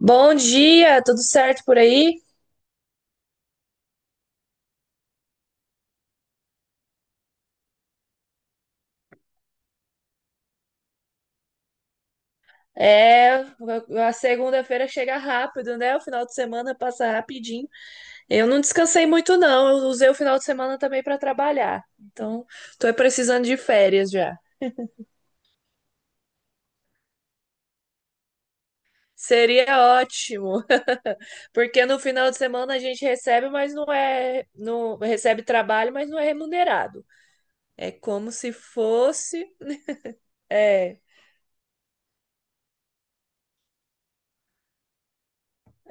Bom dia, tudo certo por aí? É, a segunda-feira chega rápido, né? O final de semana passa rapidinho. Eu não descansei muito, não. Eu usei o final de semana também para trabalhar. Então, tô precisando de férias já. Seria ótimo, porque no final de semana a gente recebe, mas não recebe trabalho, mas não é remunerado. É como se fosse, é,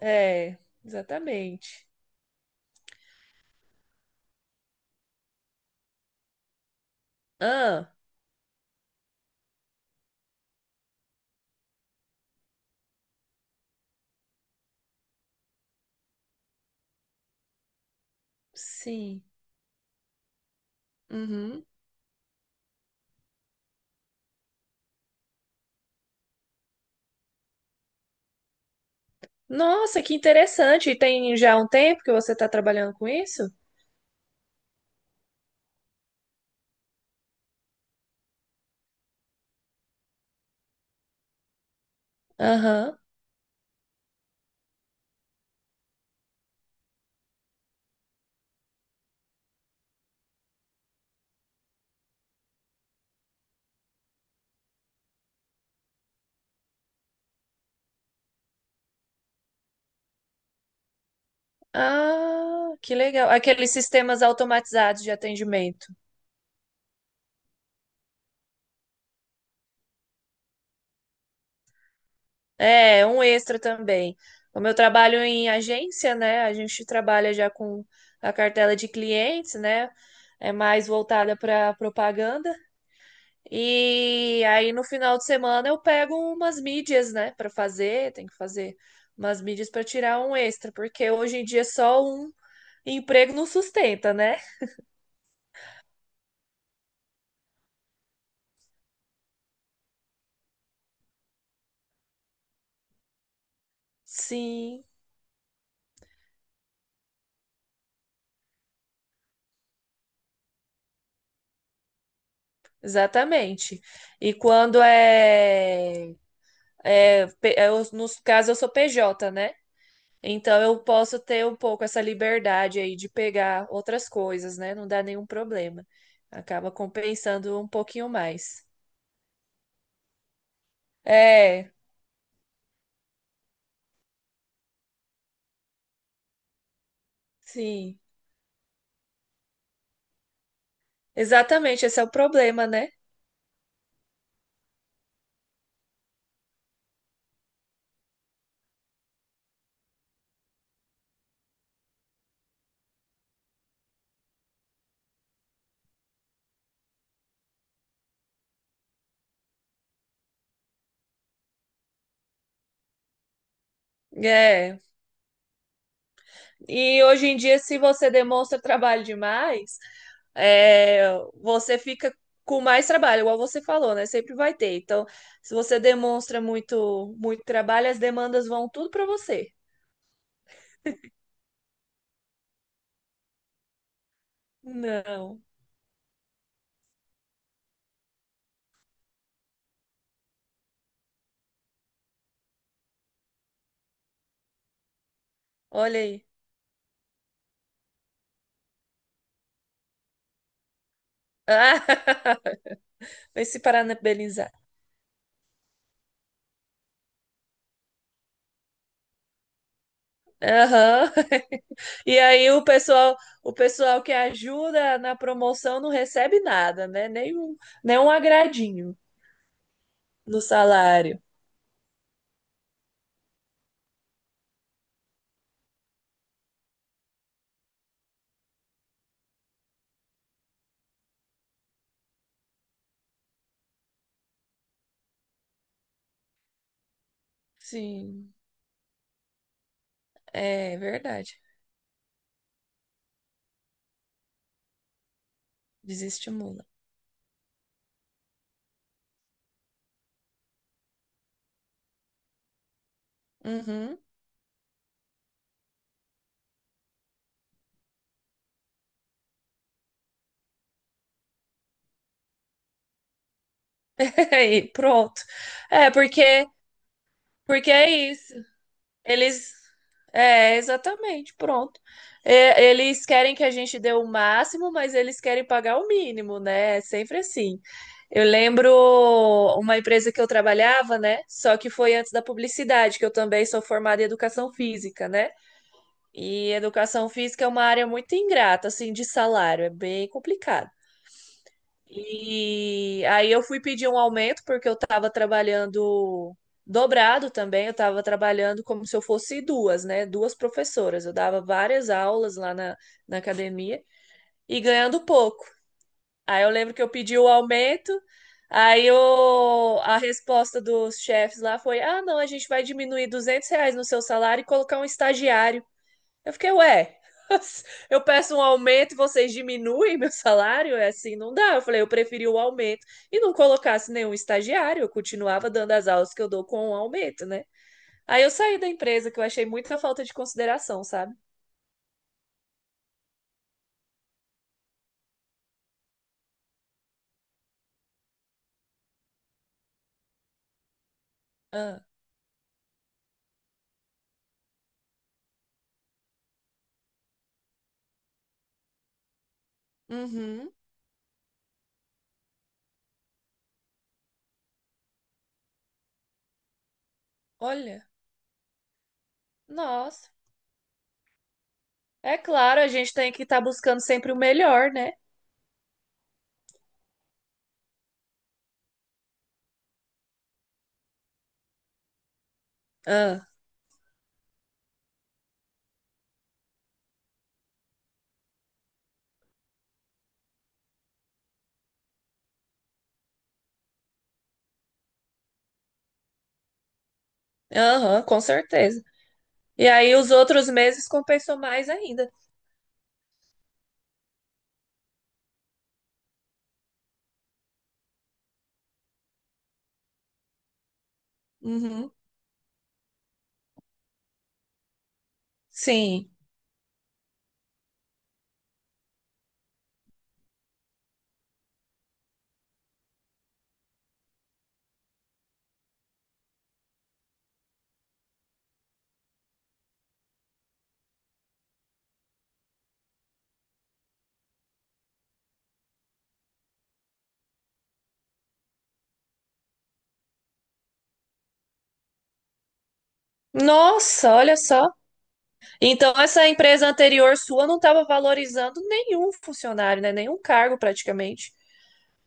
é, exatamente. Ah, sim. Uhum. Nossa, que interessante. E tem já um tempo que você está trabalhando com isso? Aham. Ah, que legal. Aqueles sistemas automatizados de atendimento. É, um extra também. Como eu trabalho em agência, né? A gente trabalha já com a cartela de clientes, né? É mais voltada para propaganda. E aí no final de semana eu pego umas mídias, né, para fazer, tem que fazer umas mídias para tirar um extra, porque hoje em dia só um emprego não sustenta, né? Sim, exatamente. E quando é, é, pe- é os- Nos casos eu sou PJ, né? Então eu posso ter um pouco essa liberdade aí de pegar outras coisas, né? Não dá nenhum problema. Acaba compensando um pouquinho mais. É, sim. Exatamente, esse é o problema, né? É, E hoje em dia, se você demonstra trabalho demais, é, você fica com mais trabalho, igual você falou, né? Sempre vai ter. Então, se você demonstra muito trabalho, as demandas vão tudo para você. Não, olha aí. Ah, vai se parabenizar. Aham. E aí o pessoal que ajuda na promoção não recebe nada, né? Nem um agradinho no salário. Sim, é verdade. Desestimula. Uhum. E pronto. É, porque, porque é isso. Eles. É, exatamente, pronto. É, eles querem que a gente dê o máximo, mas eles querem pagar o mínimo, né? É sempre assim. Eu lembro uma empresa que eu trabalhava, né? Só que foi antes da publicidade, que eu também sou formada em educação física, né? E educação física é uma área muito ingrata, assim, de salário, é bem complicado. E aí eu fui pedir um aumento porque eu estava trabalhando dobrado também, eu estava trabalhando como se eu fosse duas, né? Duas professoras. Eu dava várias aulas lá na, na academia e ganhando pouco. Aí eu lembro que eu pedi o aumento, aí eu, a resposta dos chefes lá foi: ah, não, a gente vai diminuir R$ 200 no seu salário e colocar um estagiário. Eu fiquei, ué, eu peço um aumento e vocês diminuem meu salário? É assim, não dá. Eu falei, eu preferi o aumento e não colocasse nenhum estagiário, eu continuava dando as aulas que eu dou com o aumento, né? Aí eu saí da empresa, que eu achei muita falta de consideração, sabe? Ah, uhum, olha, nossa. É claro, a gente tem que estar buscando sempre o melhor, né? Ah, aham, com certeza. E aí os outros meses compensou mais ainda. Uhum, sim. Nossa, olha só. Então, essa empresa anterior sua não estava valorizando nenhum funcionário, né? Nenhum cargo praticamente.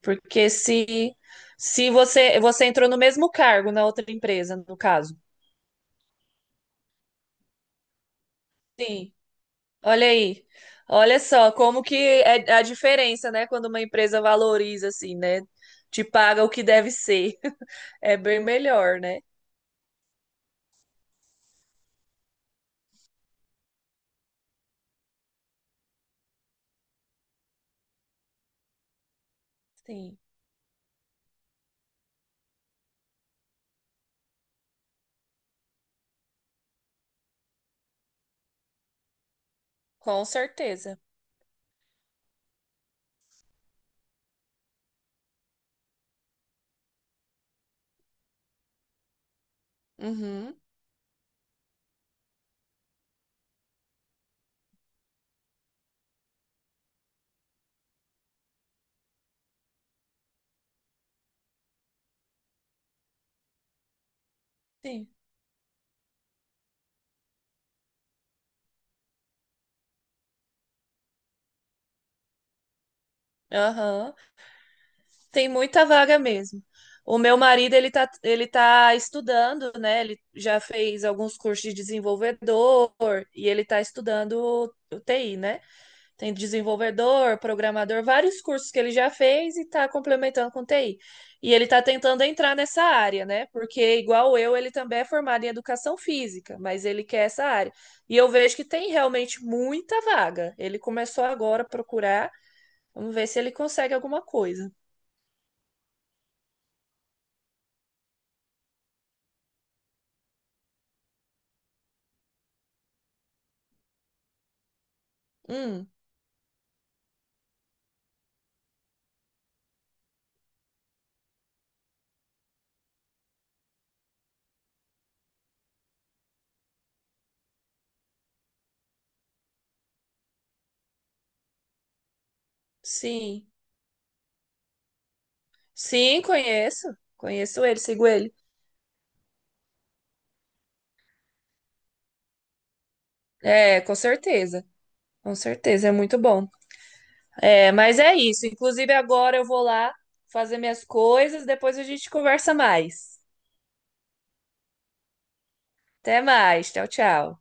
Porque se você, você entrou no mesmo cargo na outra empresa, no caso. Sim, olha aí. Olha só como que é a diferença, né? Quando uma empresa valoriza, assim, né? Te paga o que deve ser. É bem melhor, né? Sim, com certeza. Uhum, sim. Aham. Tem muita vaga mesmo. O meu marido, ele tá estudando, né? Ele já fez alguns cursos de desenvolvedor e ele tá estudando o TI, né? Tem desenvolvedor, programador, vários cursos que ele já fez e tá complementando com TI. E ele tá tentando entrar nessa área, né? Porque igual eu, ele também é formado em educação física, mas ele quer essa área. E eu vejo que tem realmente muita vaga. Ele começou agora a procurar. Vamos ver se ele consegue alguma coisa. Hum. Sim. Sim, conheço. Conheço ele, sigo ele. É, com certeza. Com certeza, é muito bom. É, mas é isso. Inclusive, agora eu vou lá fazer minhas coisas, depois a gente conversa mais. Até mais. Tchau, tchau.